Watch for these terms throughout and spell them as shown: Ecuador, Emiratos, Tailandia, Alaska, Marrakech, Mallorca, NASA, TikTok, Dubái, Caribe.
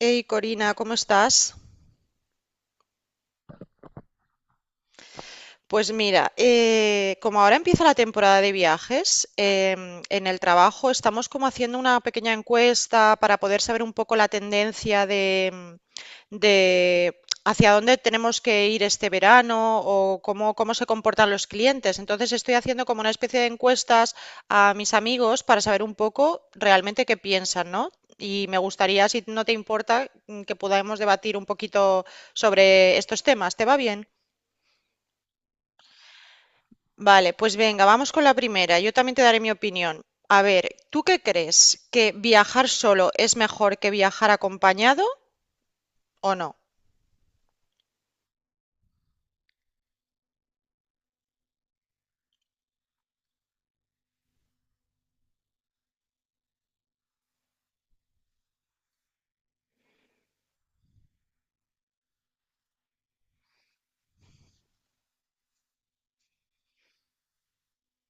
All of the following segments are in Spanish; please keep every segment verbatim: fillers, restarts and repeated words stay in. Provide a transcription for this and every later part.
Hey Corina, ¿cómo estás? Pues mira, eh, como ahora empieza la temporada de viajes, em, en el trabajo estamos como haciendo una pequeña encuesta para poder saber un poco la tendencia de, de hacia dónde tenemos que ir este verano o cómo, cómo se comportan los clientes. Entonces estoy haciendo como una especie de encuestas a mis amigos para saber un poco realmente qué piensan, ¿no? Y me gustaría, si no te importa, que podamos debatir un poquito sobre estos temas. ¿Te va bien? Vale, pues venga, vamos con la primera. Yo también te daré mi opinión. A ver, ¿tú qué crees? ¿Que viajar solo es mejor que viajar acompañado o no?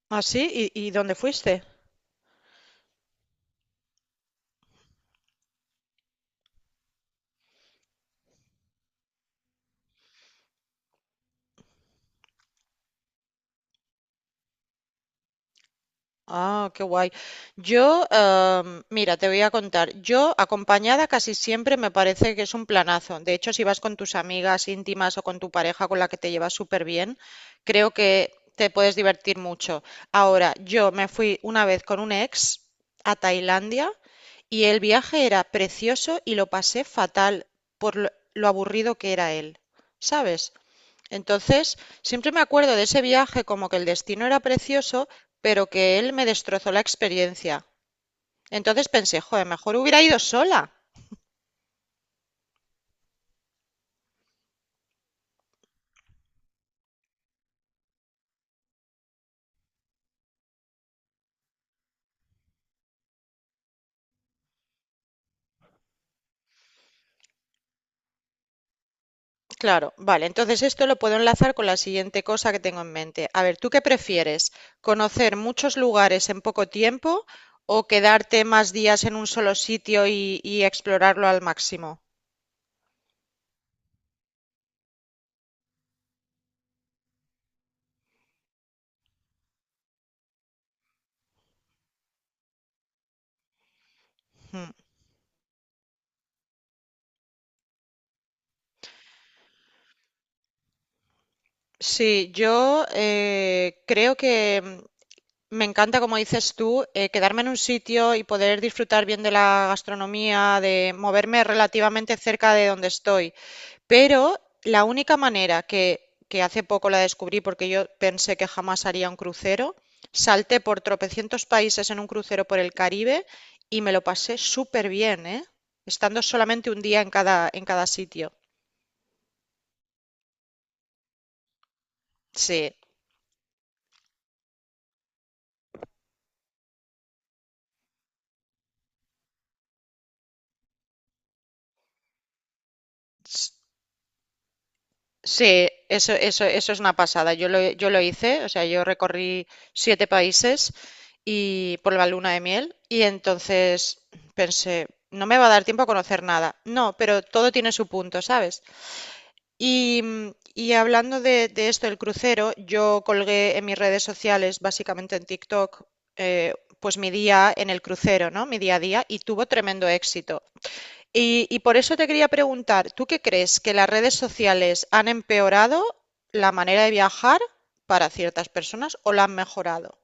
¿Así? ¿Y, y dónde fuiste? Ah, qué guay. Yo, em, mira, te voy a contar. Yo, acompañada casi siempre me parece que es un planazo. De hecho, si vas con tus amigas íntimas o con tu pareja con la que te llevas súper bien, creo que te puedes divertir mucho. Ahora, yo me fui una vez con un ex a Tailandia y el viaje era precioso y lo pasé fatal por lo, lo aburrido que era él, ¿sabes? Entonces, siempre me acuerdo de ese viaje como que el destino era precioso, pero que él me destrozó la experiencia. Entonces pensé, joder, mejor hubiera ido sola. Claro, vale, entonces esto lo puedo enlazar con la siguiente cosa que tengo en mente. A ver, ¿tú qué prefieres? ¿Conocer muchos lugares en poco tiempo o quedarte más días en un solo sitio y, y explorarlo al máximo? Mm. Sí, yo eh, creo que mm, me encanta, como dices tú, eh, quedarme en un sitio y poder disfrutar bien de la gastronomía, de moverme relativamente cerca de donde estoy. Pero la única manera que, que hace poco la descubrí, porque yo pensé que jamás haría un crucero, salté por tropecientos países en un crucero por el Caribe y me lo pasé súper bien, ¿eh? Estando solamente un día en cada, en cada sitio. Sí. Sí, eso, eso, eso es una pasada. Yo lo, yo lo hice, o sea, yo recorrí siete países y por la luna de miel y entonces pensé, no me va a dar tiempo a conocer nada. No, pero todo tiene su punto, ¿sabes? Y, mm, y hablando de, de esto del crucero, yo colgué en mis redes sociales, básicamente en TikTok, eh, pues mi día en el crucero, ¿no? Mi día a día y tuvo tremendo éxito. Y, y por eso te quería preguntar, ¿tú qué crees que las redes sociales han empeorado la manera de viajar para ciertas personas o la han mejorado?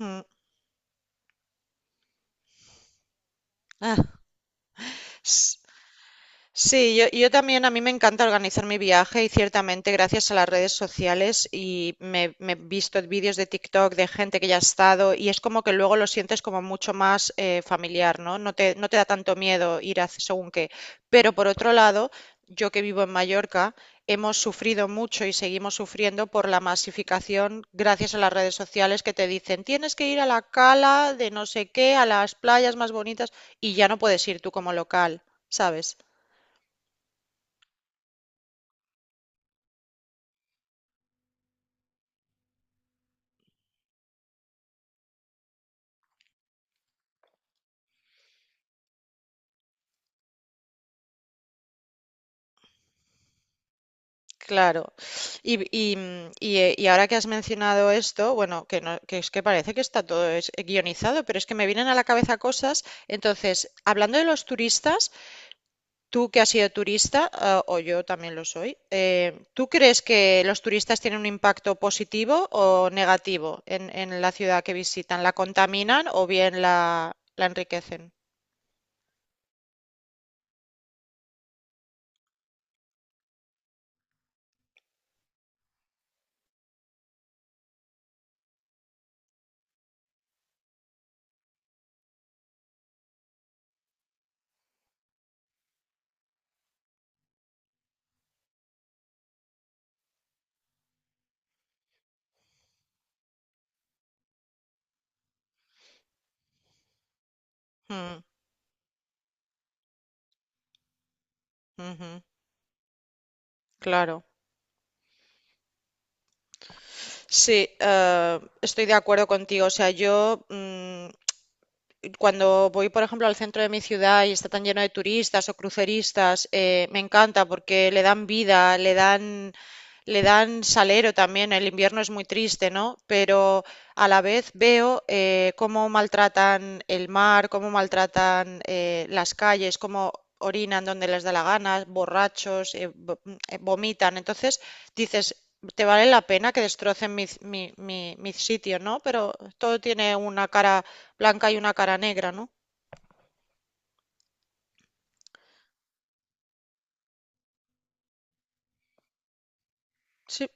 Mm. Ah, S- sí, yo, yo también, a mí me encanta organizar mi viaje y ciertamente gracias a las redes sociales y me me he visto vídeos de TikTok de gente que ya ha estado y es como que luego lo sientes como mucho más eh, familiar, ¿no? No te, no te da tanto miedo ir a según qué. Pero por otro lado, yo que vivo en Mallorca, hemos sufrido mucho y seguimos sufriendo por la masificación gracias a las redes sociales que te dicen tienes que ir a la cala de no sé qué, a las playas más bonitas y ya no puedes ir tú como local, ¿sabes? Claro. Y, y, mm, y, eh, y ahora que has mencionado esto, bueno, que, no, que es que parece que está todo es- eh, guionizado, pero es que me vienen a la cabeza cosas. Entonces, hablando de los turistas, tú que has sido turista, ah, o yo también lo soy, eh, ¿tú crees que los turistas tienen un impacto positivo o negativo en, en la ciudad que visitan? ¿La contaminan o bien la, la enriquecen? Mm, ujú, claro. Sí, eh, estoy de acuerdo contigo. O sea, yo... mm, cuando voy, por ejemplo, al centro de mi ciudad y está tan lleno de turistas o cruceristas, eh, me encanta porque le dan vida, le dan, le dan salero también. El invierno es muy triste, ¿no? Pero a la vez veo eh, cómo maltratan el mar, cómo maltratan eh, las calles, cómo orinan donde les da la gana, borrachos, eh, vo- eh, vomitan. Entonces dices, te vale la pena que destrocen mi, mi- mi- mi sitio, ¿no? Pero todo tiene una cara blanca y una cara negra, ¿no? Sí,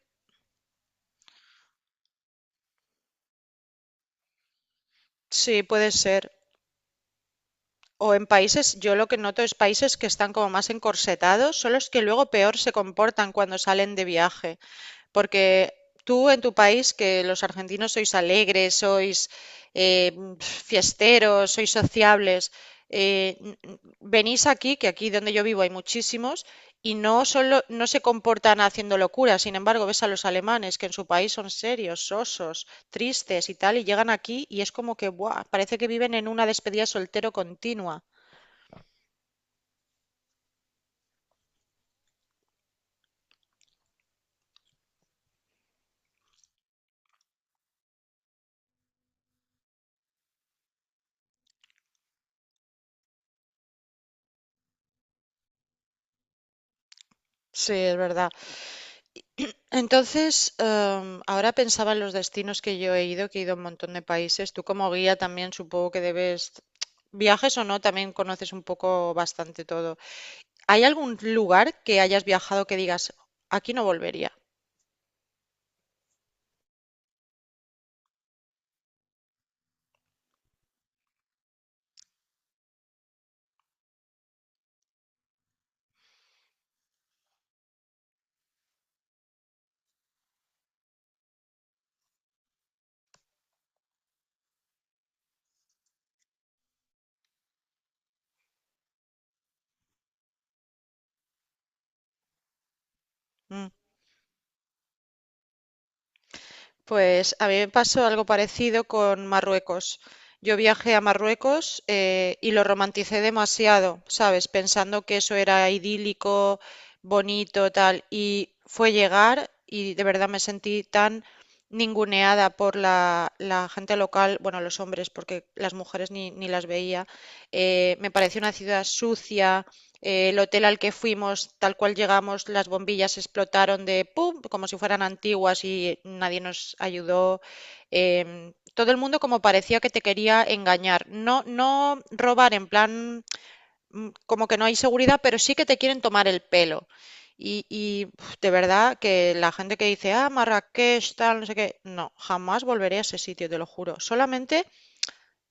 sí, puede ser. O en países, yo lo que noto es países que están como más encorsetados, son los que luego peor se comportan cuando salen de viaje. Porque tú en tu país, que los argentinos sois alegres, sois eh, fiesteros, sois sociables, eh, n- n- venís aquí, que aquí donde yo vivo hay muchísimos, y no solo no se comportan haciendo locuras. Sin embargo, ves a los alemanes que en su país son serios, sosos, tristes y tal, y llegan aquí y es como que, ¡buah! Parece que viven en una despedida de soltero continua. Sí, es verdad. Entonces, em, ahora pensaba en los destinos que yo he ido, que he ido a un montón de países. Tú como guía también supongo que debes, viajes o no, también conoces un poco bastante todo. ¿Hay algún lugar que hayas viajado que digas, aquí no volvería? Mm. Pues a mí me pasó algo parecido con Marruecos. Yo viajé a Marruecos eh, y lo romanticé demasiado, ¿sabes? Pensando que eso era idílico, bonito, tal. Y fue llegar y de verdad me sentí tan ninguneada por la, la gente local, bueno, los hombres, porque las mujeres ni, ni las veía. Eh, me pareció una ciudad sucia, eh, el hotel al que fuimos, tal cual llegamos, las bombillas explotaron de pum, como si fueran antiguas y nadie nos ayudó. Em, todo el mundo como parecía que te quería engañar. No, no robar en plan mm, como que no hay seguridad, pero sí que te quieren tomar el pelo. Y, y, uf, de verdad que la gente que dice, ah, Marrakech, tal, no sé qué, no, jamás volveré a ese sitio, te lo juro. Solamente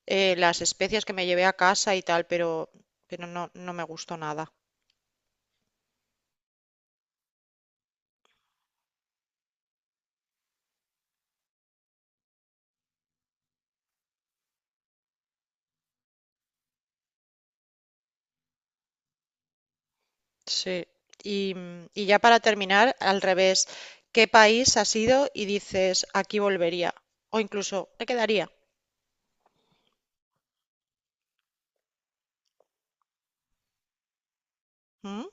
eh, las especias que me llevé a casa y tal, pero, pero no, no me gustó nada. Sí. Y, mm, y ya para terminar, al revés, ¿qué país has ido y dices aquí volvería? O incluso me quedaría. ¿Mm?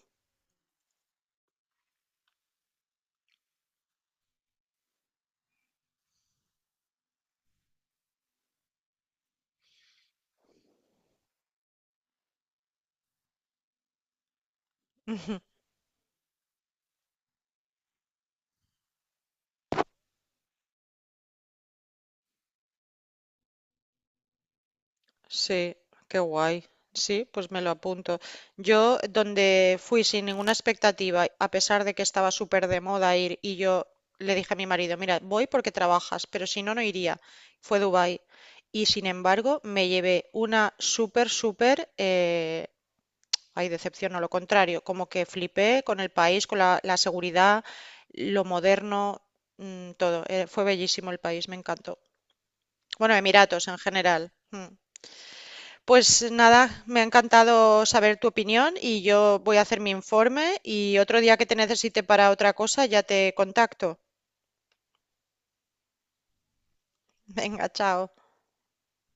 Sí, qué guay. Sí, pues me lo apunto. Yo, donde fui sin ninguna expectativa, a pesar de que estaba súper de moda ir, y yo le dije a mi marido, mira, voy porque trabajas, pero si no, no iría. Fue Dubái. Y sin embargo, me llevé una súper, súper eh, hay decepción, no lo contrario. Como que flipé con el país, con la, la seguridad, lo moderno, mm, todo. Eh, fue bellísimo el país, me encantó. Bueno, Emiratos en general. Mm. Pues nada, me ha encantado saber tu opinión y yo voy a hacer mi informe y otro día que te necesite para otra cosa ya te contacto. Venga, chao.